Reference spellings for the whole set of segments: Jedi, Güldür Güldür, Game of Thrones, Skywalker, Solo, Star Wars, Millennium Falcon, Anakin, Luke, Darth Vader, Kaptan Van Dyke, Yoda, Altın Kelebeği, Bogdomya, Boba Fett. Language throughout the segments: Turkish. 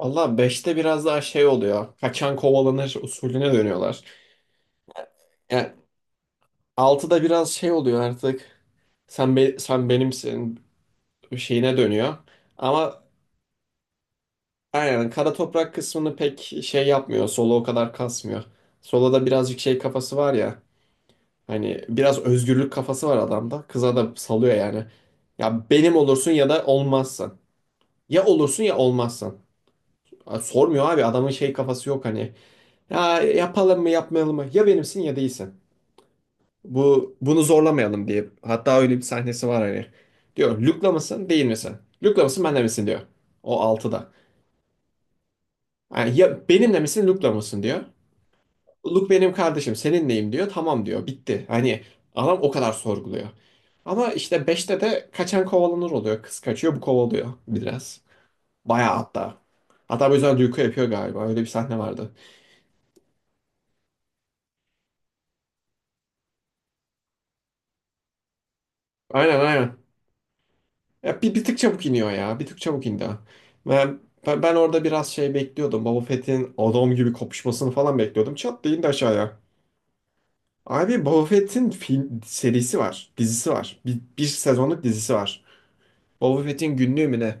Valla beşte biraz daha şey oluyor. Kaçan kovalanır usulüne dönüyorlar. Yani altıda biraz şey oluyor artık. Sen benimsin şeyine dönüyor. Ama aynen kara toprak kısmını pek şey yapmıyor. Solo o kadar kasmıyor. Solo'da birazcık şey kafası var ya. Hani biraz özgürlük kafası var adamda. Kıza da salıyor yani. Ya benim olursun ya da olmazsın. Ya olursun ya olmazsın. Sormuyor abi adamın şey kafası yok hani. Ya yapalım mı yapmayalım mı? Ya benimsin ya değilsin. Bu bunu zorlamayalım diye. Hatta öyle bir sahnesi var hani. Diyor Luke'la mısın değil misin? Luke'la mısın benle misin diyor. O 6'da. Yani ya benimle misin Luke'la mısın diyor. Luke benim kardeşim seninleyim diyor. Tamam diyor bitti. Hani adam o kadar sorguluyor. Ama işte beşte de kaçan kovalanır oluyor. Kız kaçıyor bu kovalıyor biraz. Bayağı hatta. Hatta bu yüzden Luke'u yapıyor galiba. Öyle bir sahne vardı. Aynen aynen. Ya bir tık çabuk iniyor ya. Bir tık çabuk indi. Ben, ben orada biraz şey bekliyordum. Boba Fett'in adam gibi kopuşmasını falan bekliyordum. Çat diye indi aşağıya. Abi Boba Fett'in film serisi var. Dizisi var. Bir sezonluk dizisi var. Boba Fett'in günlüğü mü ne?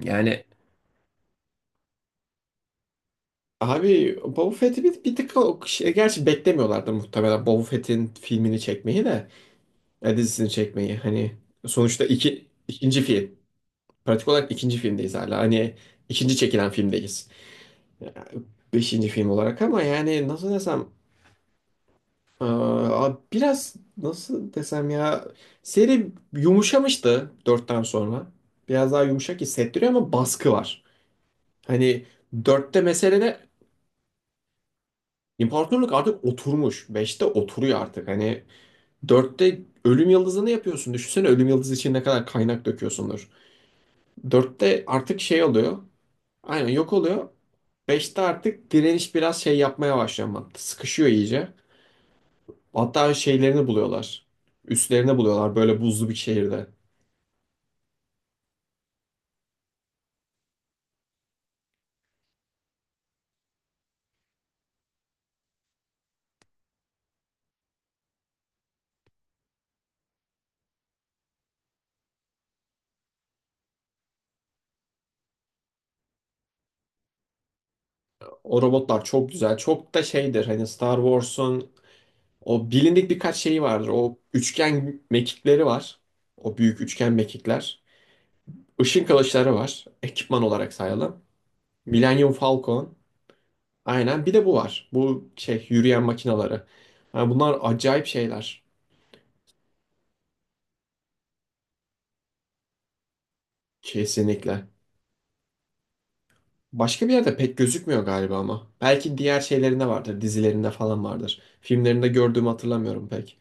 Yani abi Boba Fett'i bir tık o şey, gerçi beklemiyorlardı muhtemelen Boba Fett'in filmini çekmeyi de ya dizisini çekmeyi. Hani sonuçta ikinci film. Pratik olarak ikinci filmdeyiz hala. Hani ikinci çekilen filmdeyiz. Beşinci film olarak ama yani nasıl desem, biraz nasıl desem ya, seri yumuşamıştı dörtten sonra. Biraz daha yumuşak hissettiriyor ama baskı var. Hani dörtte mesele de imparatorluk artık oturmuş. Beşte oturuyor artık. Hani dörtte ölüm yıldızını yapıyorsun. Düşünsene ölüm yıldızı için ne kadar kaynak döküyorsundur. Dörtte artık şey oluyor. Aynen yok oluyor. Beşte artık direniş biraz şey yapmaya başlıyor ama sıkışıyor iyice. Hatta şeylerini buluyorlar. Üslerini buluyorlar böyle buzlu bir şehirde. O robotlar çok güzel. Çok da şeydir hani Star Wars'un o bilindik birkaç şeyi vardır. O üçgen mekikleri var. O büyük üçgen mekikler. Işın kılıçları var. Ekipman olarak sayalım. Millennium Falcon. Aynen bir de bu var. Bu şey yürüyen makinaları. Yani bunlar acayip şeyler. Kesinlikle. Başka bir yerde pek gözükmüyor galiba ama. Belki diğer şeylerinde vardır, dizilerinde falan vardır. Filmlerinde gördüğümü hatırlamıyorum pek.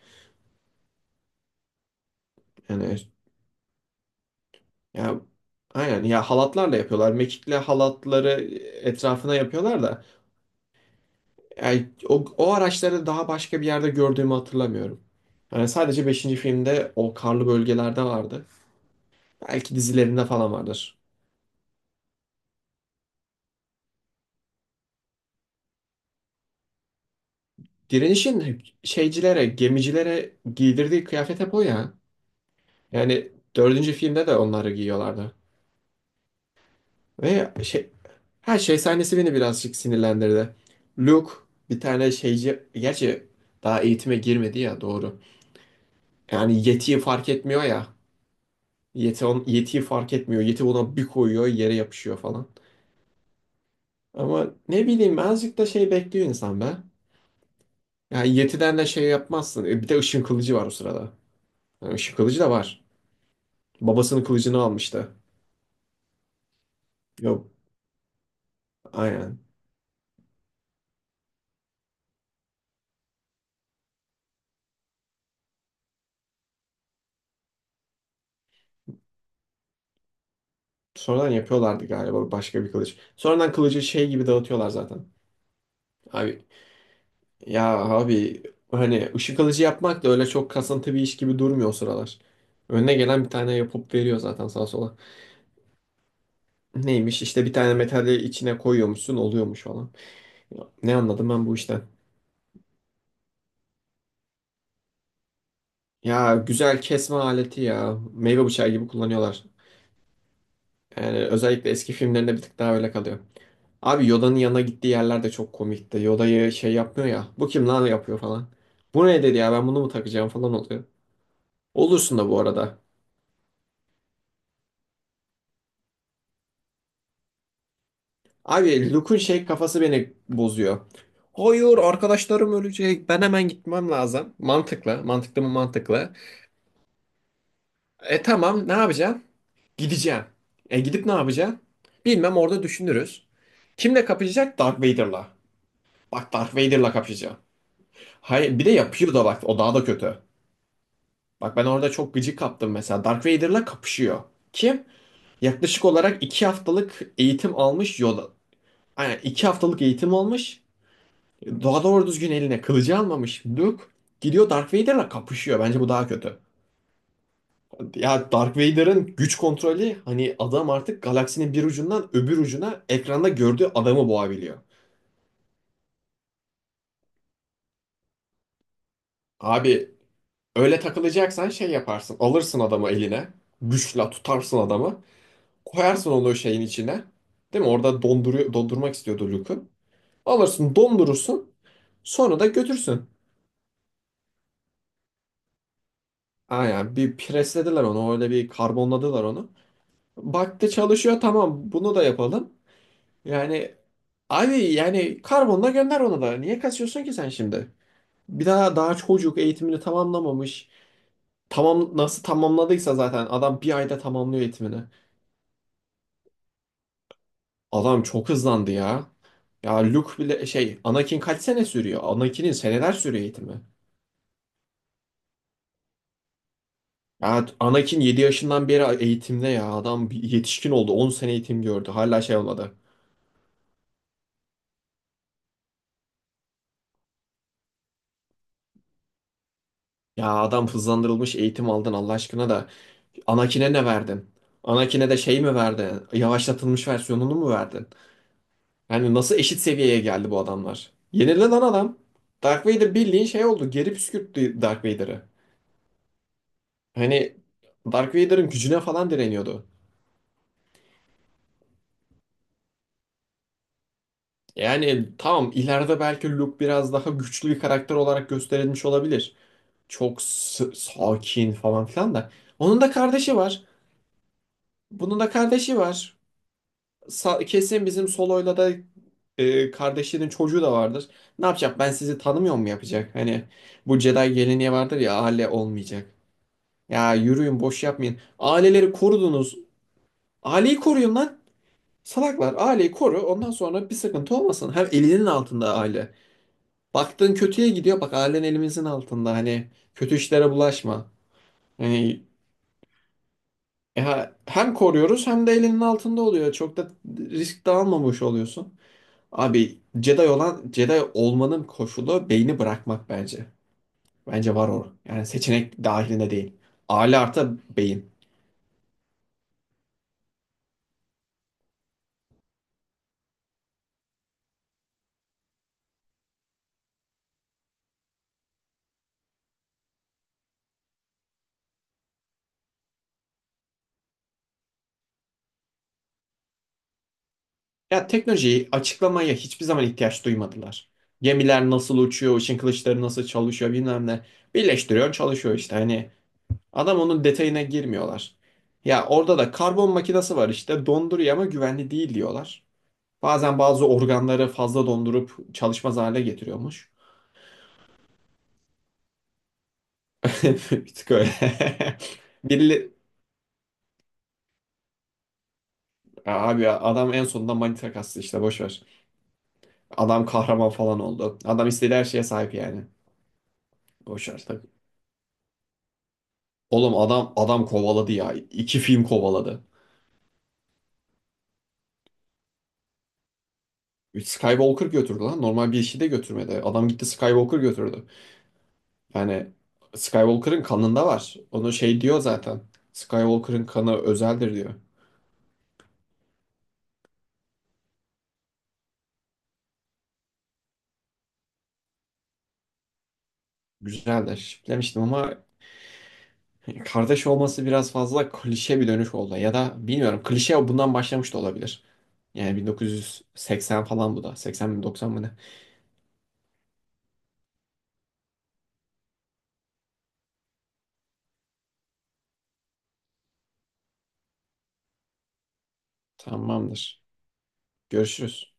Yani ya aynen ya halatlarla yapıyorlar. Mekikle halatları etrafına yapıyorlar da yani o, o araçları daha başka bir yerde gördüğümü hatırlamıyorum. Yani sadece beşinci filmde o karlı bölgelerde vardı. Belki dizilerinde falan vardır. Direniş'in şeycilere, gemicilere giydirdiği kıyafet hep o ya. Yani dördüncü filmde de onları giyiyorlardı. Ve şey, her şey sahnesi beni birazcık sinirlendirdi. Luke bir tane şeyci, gerçi daha eğitime girmedi ya doğru. Yani yetiyi fark etmiyor ya. Yetiyi fark etmiyor. Yeti ona bir koyuyor yere yapışıyor falan. Ama ne bileyim azıcık da şey bekliyor insan be. Yani yetiden de şey yapmazsın. E, bir de ışın kılıcı var o sırada. Yani ışın kılıcı da var. Babasının kılıcını almıştı. Yok aynen. Sonradan yapıyorlardı galiba başka bir kılıç. Sonradan kılıcı şey gibi dağıtıyorlar zaten. Abi Ya abi hani ışık alıcı yapmak da öyle çok kasıntı bir iş gibi durmuyor o sıralar. Önüne gelen bir tane yapıp veriyor zaten sağa sola. Neymiş işte bir tane metali içine koyuyormuşsun oluyormuş falan. Ya, ne anladım ben bu işten? Ya güzel kesme aleti ya. Meyve bıçağı gibi kullanıyorlar. Yani özellikle eski filmlerinde bir tık daha öyle kalıyor. Abi Yoda'nın yanına gittiği yerler de çok komikti. Yoda'yı şey yapmıyor ya. Bu kim lan yapıyor falan. Bu ne dedi ya ben bunu mu takacağım falan oluyor. Olursun da bu arada. Abi Luke'un şey kafası beni bozuyor. Hayır arkadaşlarım ölecek. Ben hemen gitmem lazım. Mantıklı. Mantıklı mı mantıklı. E tamam ne yapacağım? Gideceğim. E gidip ne yapacağım? Bilmem orada düşünürüz. Kimle kapışacak? Darth Vader'la. Bak Darth Vader'la kapışacağım. Hayır bir de yapıyor da bak o daha da kötü. Bak ben orada çok gıcık kaptım mesela. Darth Vader'la kapışıyor. Kim? Yaklaşık olarak 2 haftalık eğitim almış Yoda. Aynen 2 haftalık eğitim almış. Daha doğru düzgün eline kılıcı almamış Luke. Gidiyor Darth Vader'la kapışıyor. Bence bu daha kötü. Ya Darth Vader'ın güç kontrolü hani adam artık galaksinin bir ucundan öbür ucuna ekranda gördüğü adamı boğabiliyor. Abi öyle takılacaksan şey yaparsın. Alırsın adamı eline. Güçle tutarsın adamı. Koyarsın onu o şeyin içine. Değil mi? Orada donduruyor, dondurmak istiyordu Luke'u. Alırsın dondurursun. Sonra da götürsün. Aynen bir preslediler onu. Öyle bir karbonladılar onu. Baktı çalışıyor tamam bunu da yapalım. Yani abi yani karbonla gönder onu da. Niye kaçıyorsun ki sen şimdi? Bir daha daha çocuk eğitimini tamamlamamış. Tamam nasıl tamamladıysa zaten adam bir ayda tamamlıyor eğitimini. Adam çok hızlandı ya. Ya Luke bile şey Anakin kaç sene sürüyor? Anakin'in seneler sürüyor eğitimi. Ya Anakin 7 yaşından beri eğitimde ya adam bir yetişkin oldu 10 sene eğitim gördü hala şey olmadı. Ya adam hızlandırılmış eğitim aldın Allah aşkına da Anakin'e ne verdin? Anakin'e de şey mi verdin? Yavaşlatılmış versiyonunu mu verdin? Yani nasıl eşit seviyeye geldi bu adamlar? Yenildi lan adam. Dark Vader bildiğin şey oldu. Geri püskürttü Dark Vader'ı. Hani Dark Vader'ın gücüne falan direniyordu. Yani tamam ileride belki Luke biraz daha güçlü bir karakter olarak gösterilmiş olabilir. Çok sakin falan filan da. Onun da kardeşi var. Bunun da kardeşi var. Kesin bizim Solo'yla da kardeşinin çocuğu da vardır. Ne yapacak? Ben sizi tanımıyor mu yapacak? Hani bu Jedi geleneği vardır ya aile olmayacak. Ya yürüyün boş yapmayın. Aileleri korudunuz. Aileyi koruyun lan. Salaklar aileyi koru. Ondan sonra bir sıkıntı olmasın. Hem elinin altında aile. Baktığın kötüye gidiyor. Bak ailen elimizin altında. Hani kötü işlere bulaşma. Yani ya hem koruyoruz hem de elinin altında oluyor. Çok da risk de almamış oluyorsun. Abi Jedi olan Jedi olmanın koşulu beyni bırakmak bence. Bence var o. Yani seçenek dahilinde değil. Aile artı beyin. Ya teknolojiyi açıklamaya hiçbir zaman ihtiyaç duymadılar. Gemiler nasıl uçuyor, ışın kılıçları nasıl çalışıyor bilmem ne. Birleştiriyor çalışıyor işte hani. Adam onun detayına girmiyorlar. Ya orada da karbon makinesi var işte donduruyor ama güvenli değil diyorlar. Bazen bazı organları fazla dondurup çalışmaz hale getiriyormuş. Bir tık öyle. Biri, abi ya, adam en sonunda manita kastı işte boş ver. Adam kahraman falan oldu. Adam istediği her şeye sahip yani. Boş ver tabii. Oğlum adam adam kovaladı ya. İki film kovaladı. Skywalker götürdü lan. Normal bir işi de götürmedi. Adam gitti Skywalker götürdü. Yani Skywalker'ın kanında var. Onu şey diyor zaten. Skywalker'ın kanı özeldir diyor. Güzeldir. Demiştim ama kardeş olması biraz fazla klişe bir dönüş oldu. Ya da bilmiyorum klişe bundan başlamış da olabilir. Yani 1980 falan bu da. 80 mi 90 mı ne? Tamamdır. Görüşürüz.